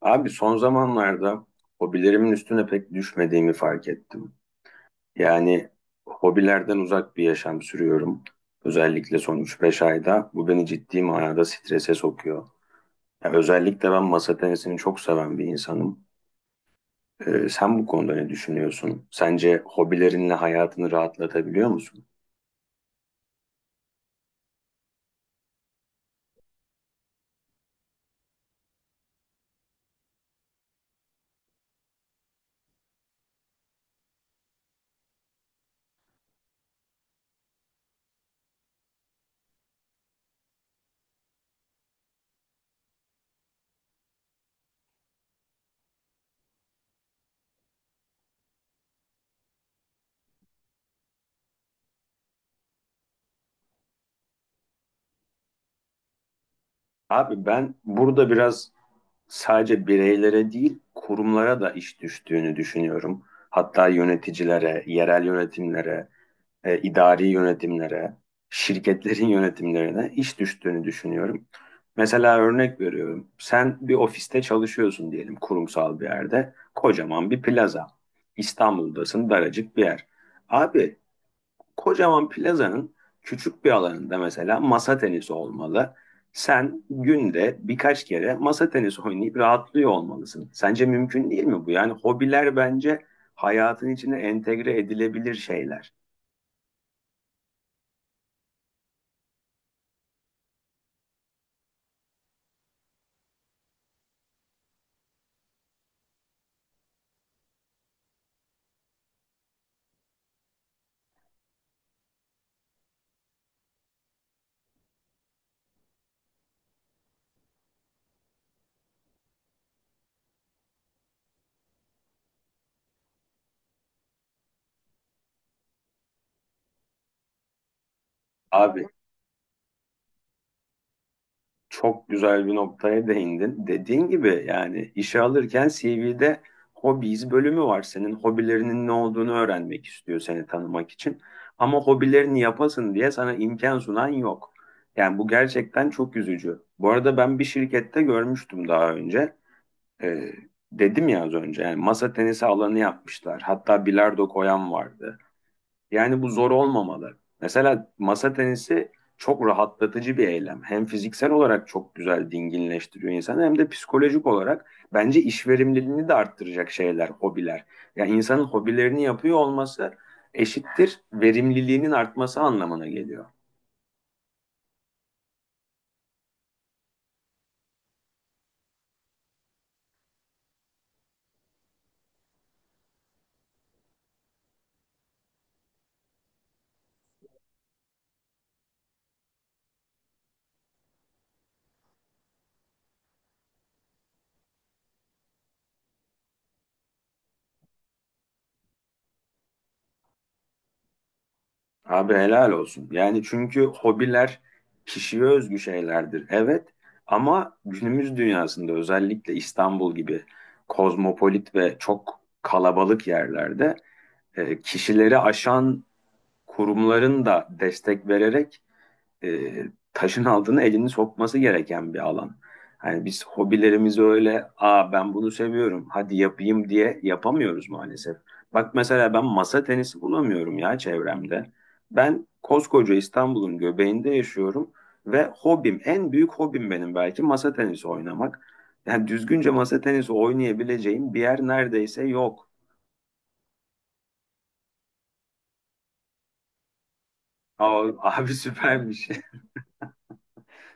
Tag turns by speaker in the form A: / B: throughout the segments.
A: Abi son zamanlarda hobilerimin üstüne pek düşmediğimi fark ettim. Yani hobilerden uzak bir yaşam sürüyorum. Özellikle son üç beş ayda bu beni ciddi manada strese sokuyor. Ya özellikle ben masa tenisini çok seven bir insanım. Sen bu konuda ne düşünüyorsun? Sence hobilerinle hayatını rahatlatabiliyor musun? Abi ben burada biraz sadece bireylere değil kurumlara da iş düştüğünü düşünüyorum. Hatta yöneticilere, yerel yönetimlere, idari yönetimlere, şirketlerin yönetimlerine iş düştüğünü düşünüyorum. Mesela örnek veriyorum. Sen bir ofiste çalışıyorsun diyelim, kurumsal bir yerde. Kocaman bir plaza. İstanbul'dasın, daracık bir yer. Abi kocaman plazanın küçük bir alanında mesela masa tenisi olmalı. Sen günde birkaç kere masa tenisi oynayıp rahatlıyor olmalısın. Sence mümkün değil mi bu? Yani hobiler bence hayatın içine entegre edilebilir şeyler. Abi çok güzel bir noktaya değindin. Dediğin gibi yani işe alırken CV'de hobbies bölümü var. Senin hobilerinin ne olduğunu öğrenmek istiyor, seni tanımak için. Ama hobilerini yapasın diye sana imkan sunan yok. Yani bu gerçekten çok üzücü. Bu arada ben bir şirkette görmüştüm daha önce. Ee, dedim ya az önce, yani masa tenisi alanı yapmışlar. Hatta bilardo koyan vardı. Yani bu zor olmamalı. Mesela masa tenisi çok rahatlatıcı bir eylem. Hem fiziksel olarak çok güzel dinginleştiriyor insanı, hem de psikolojik olarak bence iş verimliliğini de arttıracak şeyler, hobiler. Yani insanın hobilerini yapıyor olması eşittir verimliliğinin artması anlamına geliyor. Abi helal olsun. Yani çünkü hobiler kişiye özgü şeylerdir. Evet, ama günümüz dünyasında özellikle İstanbul gibi kozmopolit ve çok kalabalık yerlerde kişileri aşan, kurumların da destek vererek e, taşın altına elini sokması gereken bir alan. Yani biz hobilerimizi öyle, aa ben bunu seviyorum, hadi yapayım diye yapamıyoruz maalesef. Bak mesela ben masa tenisi bulamıyorum ya çevremde. Ben koskoca İstanbul'un göbeğinde yaşıyorum ve hobim, en büyük hobim benim belki masa tenisi oynamak. Yani düzgünce masa tenisi oynayabileceğim bir yer neredeyse yok. Aa, abi süpermiş.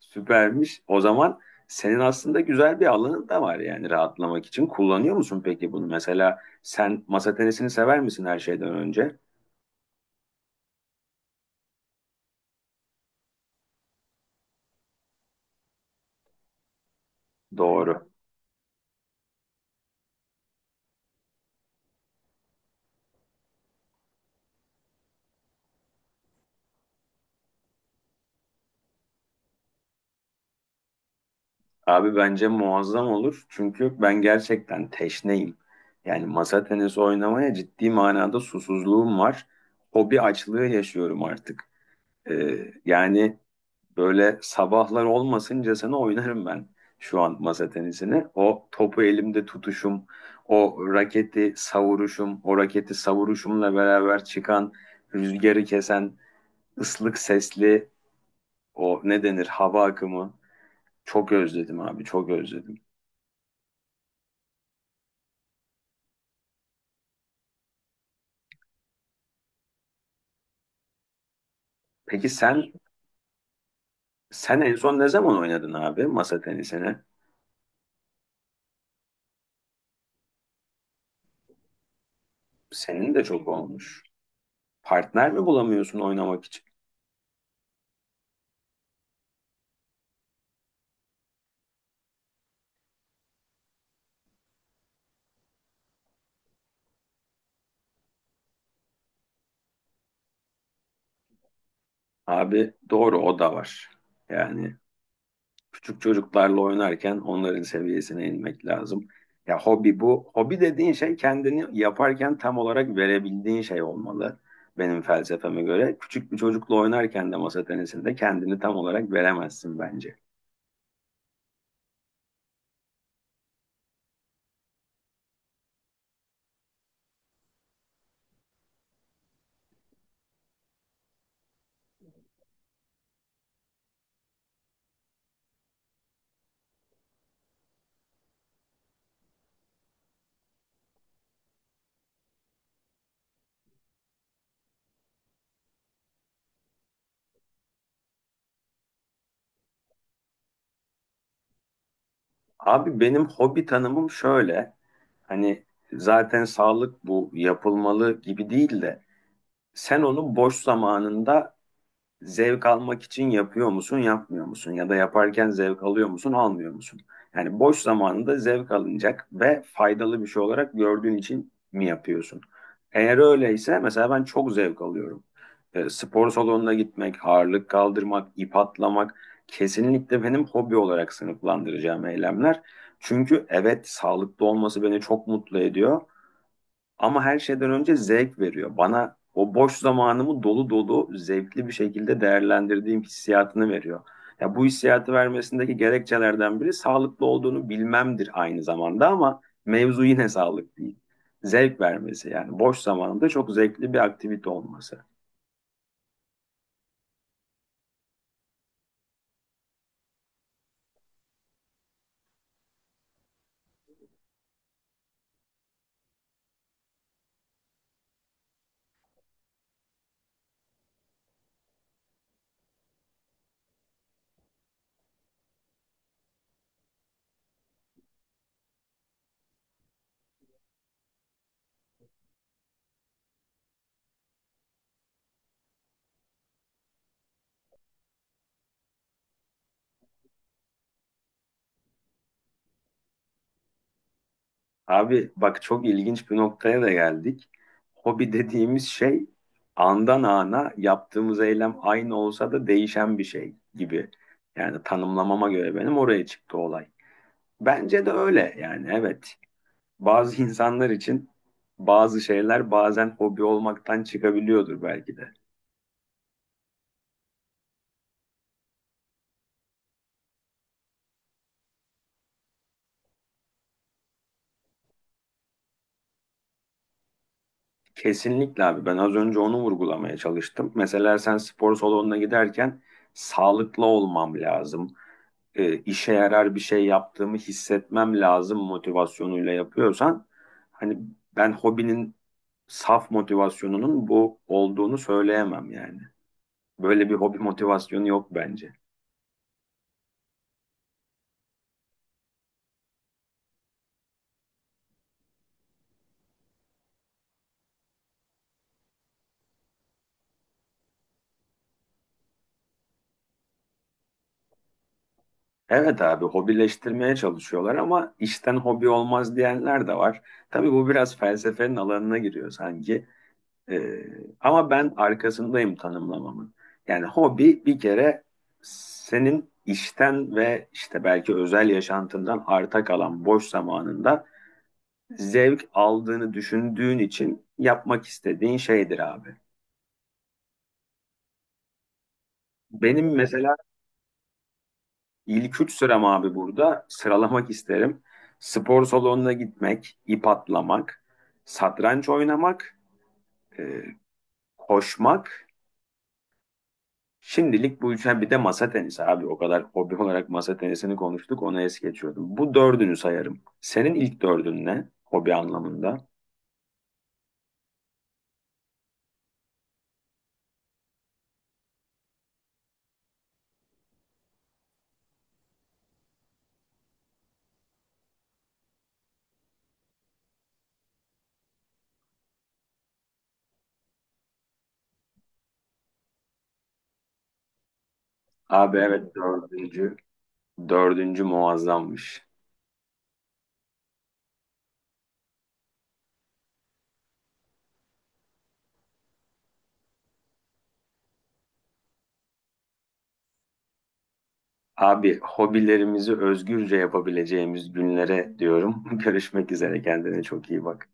A: Süpermiş. O zaman senin aslında güzel bir alanın da var yani rahatlamak için. Kullanıyor musun peki bunu? Mesela sen masa tenisini sever misin her şeyden önce? Doğru. Abi bence muazzam olur. Çünkü ben gerçekten teşneyim. Yani masa tenisi oynamaya ciddi manada susuzluğum var. Hobi açlığı yaşıyorum artık. Yani böyle sabahlar olmasıncasına oynarım ben şu an masa tenisini. O topu elimde tutuşum, o raketi savuruşum, o raketi savuruşumla beraber çıkan rüzgarı kesen ıslık sesli o ne denir hava akımı. Çok özledim abi, çok özledim. Peki sen, sen en son ne zaman oynadın abi masa tenisini? Senin de çok olmuş. Partner mi bulamıyorsun oynamak için? Abi doğru, o da var. Yani küçük çocuklarla oynarken onların seviyesine inmek lazım. Ya hobi bu. Hobi dediğin şey kendini yaparken tam olarak verebildiğin şey olmalı. Benim felsefeme göre. Küçük bir çocukla oynarken de masa tenisinde kendini tam olarak veremezsin bence. Abi benim hobi tanımım şöyle. Hani zaten sağlık bu yapılmalı gibi değil de sen onu boş zamanında zevk almak için yapıyor musun, yapmıyor musun? Ya da yaparken zevk alıyor musun, almıyor musun? Yani boş zamanında zevk alınacak ve faydalı bir şey olarak gördüğün için mi yapıyorsun? Eğer öyleyse mesela ben çok zevk alıyorum. E, spor salonuna gitmek, ağırlık kaldırmak, ip atlamak kesinlikle benim hobi olarak sınıflandıracağım eylemler. Çünkü evet sağlıklı olması beni çok mutlu ediyor. Ama her şeyden önce zevk veriyor. Bana o boş zamanımı dolu dolu zevkli bir şekilde değerlendirdiğim hissiyatını veriyor. Ya bu hissiyatı vermesindeki gerekçelerden biri sağlıklı olduğunu bilmemdir aynı zamanda, ama mevzu yine sağlık değil. Zevk vermesi, yani boş zamanında çok zevkli bir aktivite olması. Abi bak çok ilginç bir noktaya da geldik. Hobi dediğimiz şey andan ana yaptığımız eylem aynı olsa da değişen bir şey gibi. Yani tanımlamama göre benim oraya çıktı olay. Bence de öyle yani, evet. Bazı insanlar için bazı şeyler bazen hobi olmaktan çıkabiliyordur belki de. Kesinlikle abi, ben az önce onu vurgulamaya çalıştım. Mesela sen spor salonuna giderken sağlıklı olmam lazım, işe yarar bir şey yaptığımı hissetmem lazım motivasyonuyla yapıyorsan, hani, ben hobinin saf motivasyonunun bu olduğunu söyleyemem yani. Böyle bir hobi motivasyonu yok bence. Evet abi, hobileştirmeye çalışıyorlar ama işten hobi olmaz diyenler de var. Tabii bu biraz felsefenin alanına giriyor sanki. Ee, ama ben arkasındayım tanımlamamın. Yani hobi bir kere senin işten ve işte belki özel yaşantından arta kalan boş zamanında zevk aldığını düşündüğün için yapmak istediğin şeydir abi. Benim mesela ilk üç sıram abi, burada sıralamak isterim. Spor salonuna gitmek, ip atlamak, satranç oynamak, e, koşmak. Şimdilik bu üç, bir de masa tenisi abi. O kadar hobi olarak masa tenisini konuştuk. Onu es geçiyordum. Bu dördünü sayarım. Senin ilk dördün ne? Hobi anlamında. Abi evet, dördüncü. Dördüncü muazzammış. Abi hobilerimizi özgürce yapabileceğimiz günlere diyorum. Görüşmek üzere. Kendine çok iyi bak.